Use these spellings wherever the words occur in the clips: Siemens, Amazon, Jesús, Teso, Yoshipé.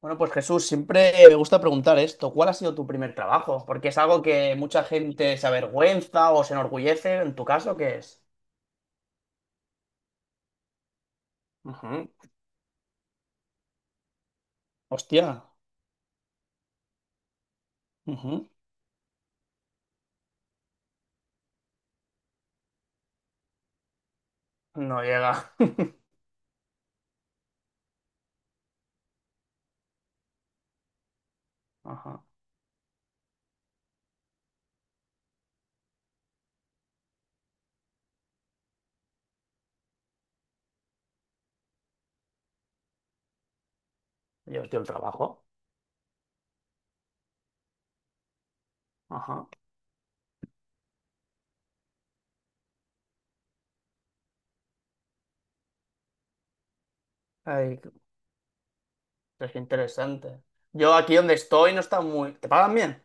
Bueno, pues Jesús, siempre me gusta preguntar esto, ¿cuál ha sido tu primer trabajo? Porque es algo que mucha gente se avergüenza o se enorgullece, en tu caso, ¿qué es? Ujú. Hostia, ujú. No llega. Ajá. Yo estoy el trabajo. Ajá. Ay, qué interesante. Yo aquí donde estoy no está muy... ¿Te pagan bien?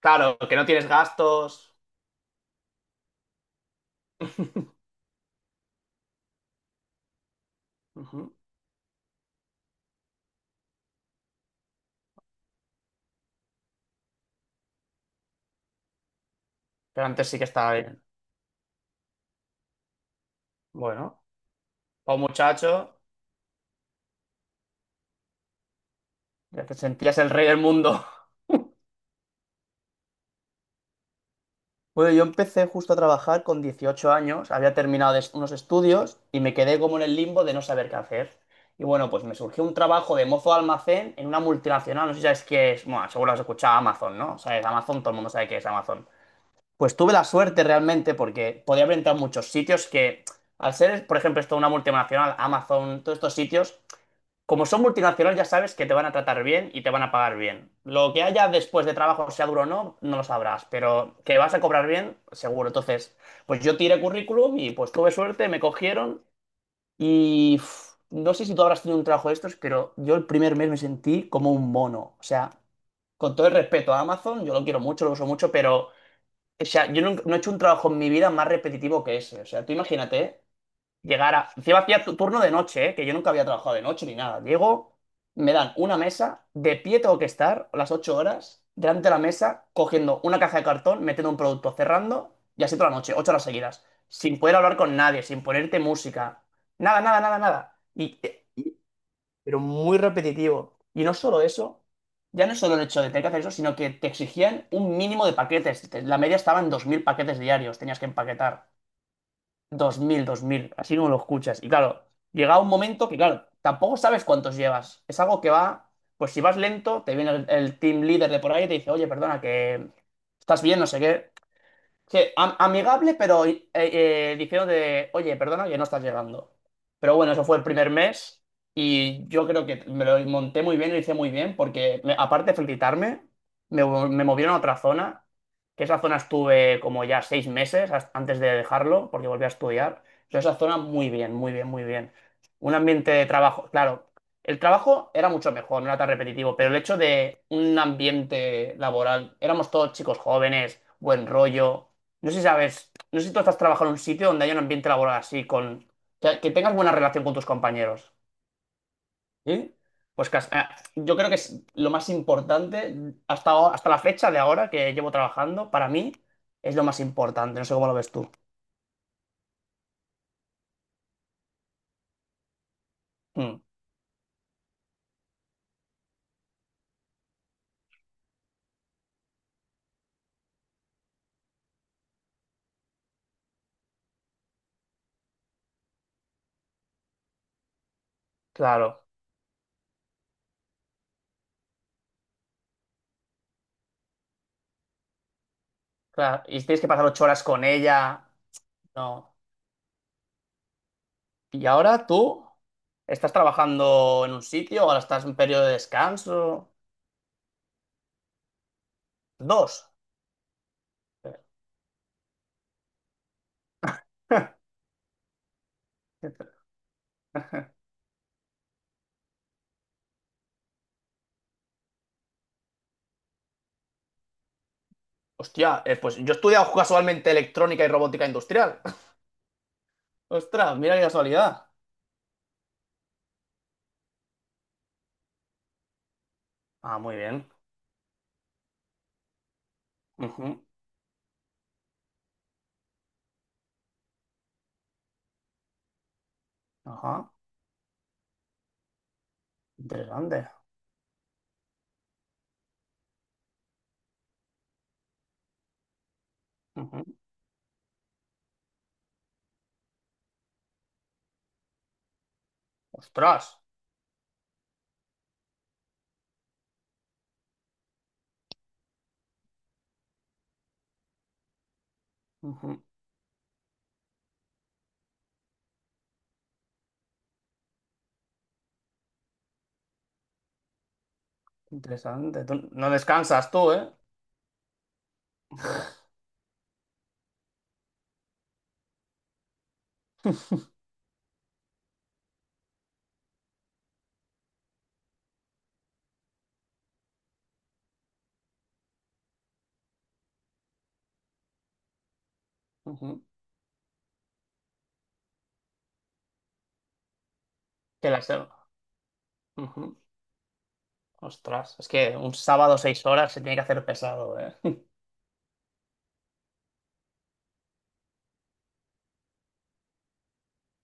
Claro, que no tienes gastos. Ujú. Pero antes sí que estaba bien. Bueno, o muchacho, ya te sentías el rey del mundo. Bueno, yo empecé justo a trabajar con 18 años, había terminado unos estudios y me quedé como en el limbo de no saber qué hacer. Y bueno, pues me surgió un trabajo de mozo de almacén en una multinacional, no sé si sabes qué es, bueno, seguro has escuchado Amazon, ¿no? Sabes, Amazon, todo el mundo sabe qué es Amazon. Pues tuve la suerte realmente porque podía haber entrado en muchos sitios que, al ser, por ejemplo, esto una multinacional, Amazon, todos estos sitios, como son multinacionales, ya sabes que te van a tratar bien y te van a pagar bien. Lo que haya después de trabajo, sea duro o no, no lo sabrás, pero que vas a cobrar bien, seguro. Entonces, pues yo tiré currículum y pues tuve suerte, me cogieron y uf, no sé si tú habrás tenido un trabajo de estos, pero yo el primer mes me sentí como un mono. O sea, con todo el respeto a Amazon, yo lo quiero mucho, lo uso mucho, pero o sea, yo no, no he hecho un trabajo en mi vida más repetitivo que ese. O sea, tú imagínate, ¿eh? Llegar a... Encima hacía turno de noche, ¿eh? Que yo nunca había trabajado de noche ni nada. Llego, me dan una mesa, de pie tengo que estar las 8 horas, delante de la mesa, cogiendo una caja de cartón, metiendo un producto, cerrando, y así toda la noche, 8 horas seguidas. Sin poder hablar con nadie, sin ponerte música. Nada, nada, nada, nada. Pero muy repetitivo. Y no solo eso, ya no es solo el hecho de tener que hacer eso, sino que te exigían un mínimo de paquetes. Te- La media estaba en 2000 paquetes diarios, tenías que empaquetar 2000 2000 así como lo escuchas. Y claro, llega un momento que, claro, tampoco sabes cuántos llevas. Es algo que va, pues si vas lento, te viene el team leader de por ahí y te dice, oye, perdona, que estás bien, no sé qué. Sí, amigable, pero diciendo de, oye, perdona que no estás llegando. Pero bueno, eso fue el primer mes y yo creo que me lo monté muy bien, lo hice muy bien, porque aparte de felicitarme, me movieron a otra zona, que esa zona estuve como ya 6 meses antes de dejarlo, porque volví a estudiar. Yo esa zona muy bien, muy bien, muy bien. Un ambiente de trabajo, claro. El trabajo era mucho mejor, no era tan repetitivo, pero el hecho de un ambiente laboral, éramos todos chicos jóvenes, buen rollo. No sé si sabes, no sé si tú estás trabajando en un sitio donde haya un ambiente laboral así, con que tengas buena relación con tus compañeros. ¿Sí? Pues yo creo que es lo más importante hasta, hasta la fecha de ahora que llevo trabajando, para mí es lo más importante. No sé cómo lo ves tú. Mm, claro, claro. Y tienes que pasar 8 horas con ella. No. ¿Y ahora tú estás trabajando en un sitio? ¿Ahora estás en un periodo de descanso? Dos. Hostia, pues yo he estudiado casualmente electrónica y robótica industrial. Ostras, mira qué casualidad. Ah, muy bien. Ujú, ajá, interesante. Ujú. Ostras, ujú, interesante. Tú no descansas tú, ¿eh? Ujú. Que la se- Ujú. Ostras, es que un sábado 6 horas se tiene que hacer pesado, ¿eh?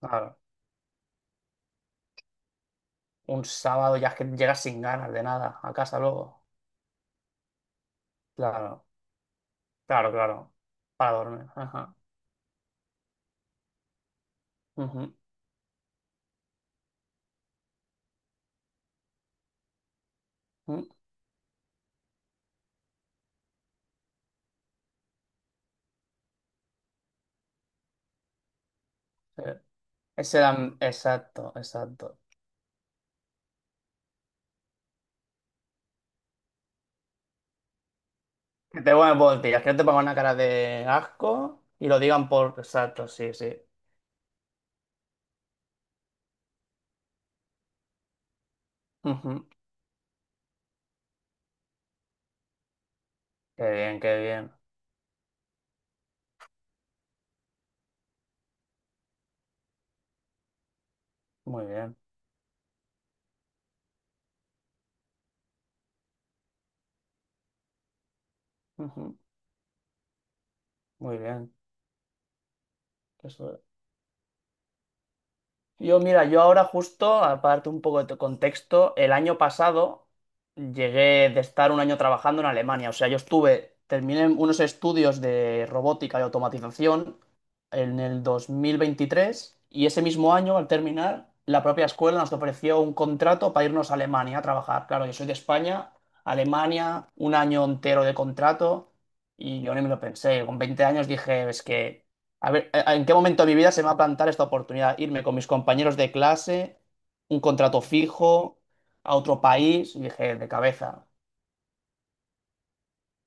Claro, un sábado ya es que llegas sin ganas de nada a casa luego. Claro, claro, claro. Para dormir. Ajá. Ujú, ujú, sí. Ese era- Exacto, exacto. Que te pongan voltillas, que no te pongan una cara de asco y lo digan por exacto, sí, sí. Ujú. Qué bien, qué bien. Muy bien. Ujú. Muy bien. Yo, mira, yo ahora justo, aparte un poco de tu contexto, el año pasado llegué de estar un año trabajando en Alemania. O sea, yo estuve, terminé unos estudios de robótica y automatización en el 2023 y ese mismo año, al terminar, la propia escuela nos ofreció un contrato para irnos a Alemania a trabajar. Claro, yo soy de España, Alemania, un año entero de contrato y yo ni me lo pensé. Con 20 años dije, es que a ver, ¿en qué momento de mi vida se me va a plantar esta oportunidad? Irme con mis compañeros de clase, un contrato fijo, a otro país. Y dije, de cabeza.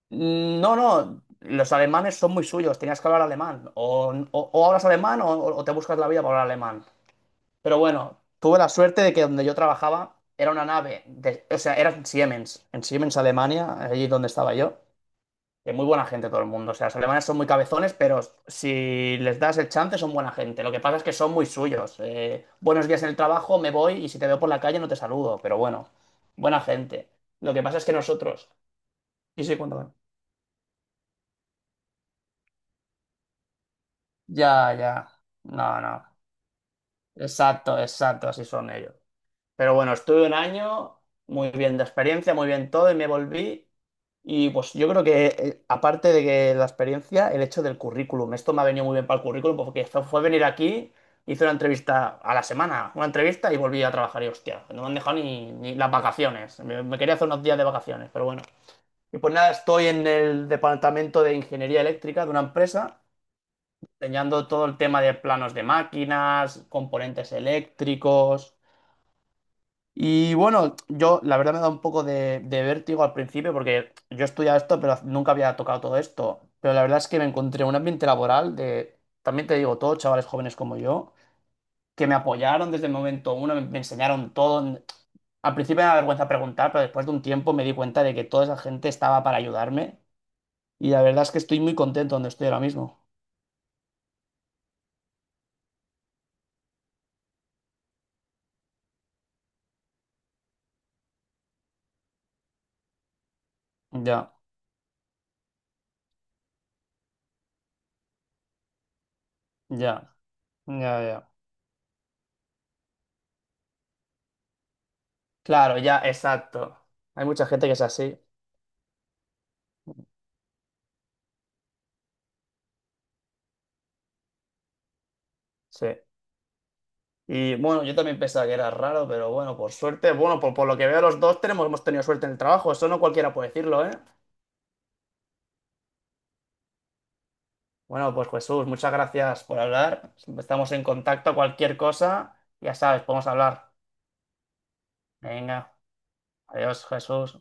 " No, no, los alemanes son muy suyos, tenías que hablar alemán. O hablas alemán o te buscas la vida para hablar alemán. Pero bueno, tuve la suerte de que donde yo trabajaba era una nave, o sea, era en Siemens, Alemania, allí donde estaba yo. Muy buena gente todo el mundo. O sea, los alemanes son muy cabezones, pero si les das el chance son buena gente. Lo que pasa es que son muy suyos. Buenos días en el trabajo, me voy y si te veo por la calle no te saludo. Pero bueno, buena gente. Lo que pasa es que nosotros... Sí, sí, cuéntame. Ya, ya. No, no. Exacto, exacto, así son ellos. Pero bueno, estuve un año, muy bien de experiencia, muy bien todo y me volví. Y pues yo creo que, aparte de que la experiencia, el hecho del currículum. Esto me ha venido muy bien para el currículum pues, porque fue venir aquí, hice una entrevista a la semana, una entrevista y volví a trabajar. Y hostia, no me han dejado ni las vacaciones. Me quería hacer unos días de vacaciones, pero bueno. Y pues nada, estoy en el departamento de ingeniería eléctrica de una empresa, enseñando todo el tema de planos de máquinas, componentes eléctricos. Y bueno, yo la verdad me da un poco de vértigo al principio porque yo estudiaba esto, pero nunca había tocado todo esto. Pero la verdad es que me encontré un ambiente laboral de, también te digo, todos chavales jóvenes como yo, que me apoyaron desde el momento uno, me enseñaron todo. Al principio me da vergüenza preguntar, pero después de un tiempo me di cuenta de que toda esa gente estaba para ayudarme. Y la verdad es que estoy muy contento donde estoy ahora mismo. Ya, ya, ya, ya. Claro, ya, exacto. Hay mucha gente que es así. Sí. Y bueno, yo también pensaba que era raro, pero bueno, por suerte, bueno, por lo que veo los dos tenemos, hemos tenido suerte en el trabajo, eso no cualquiera puede decirlo, ¿eh? Bueno, pues Jesús, muchas gracias por hablar. Estamos en contacto, cualquier cosa, ya sabes, podemos hablar. Venga, adiós, Jesús.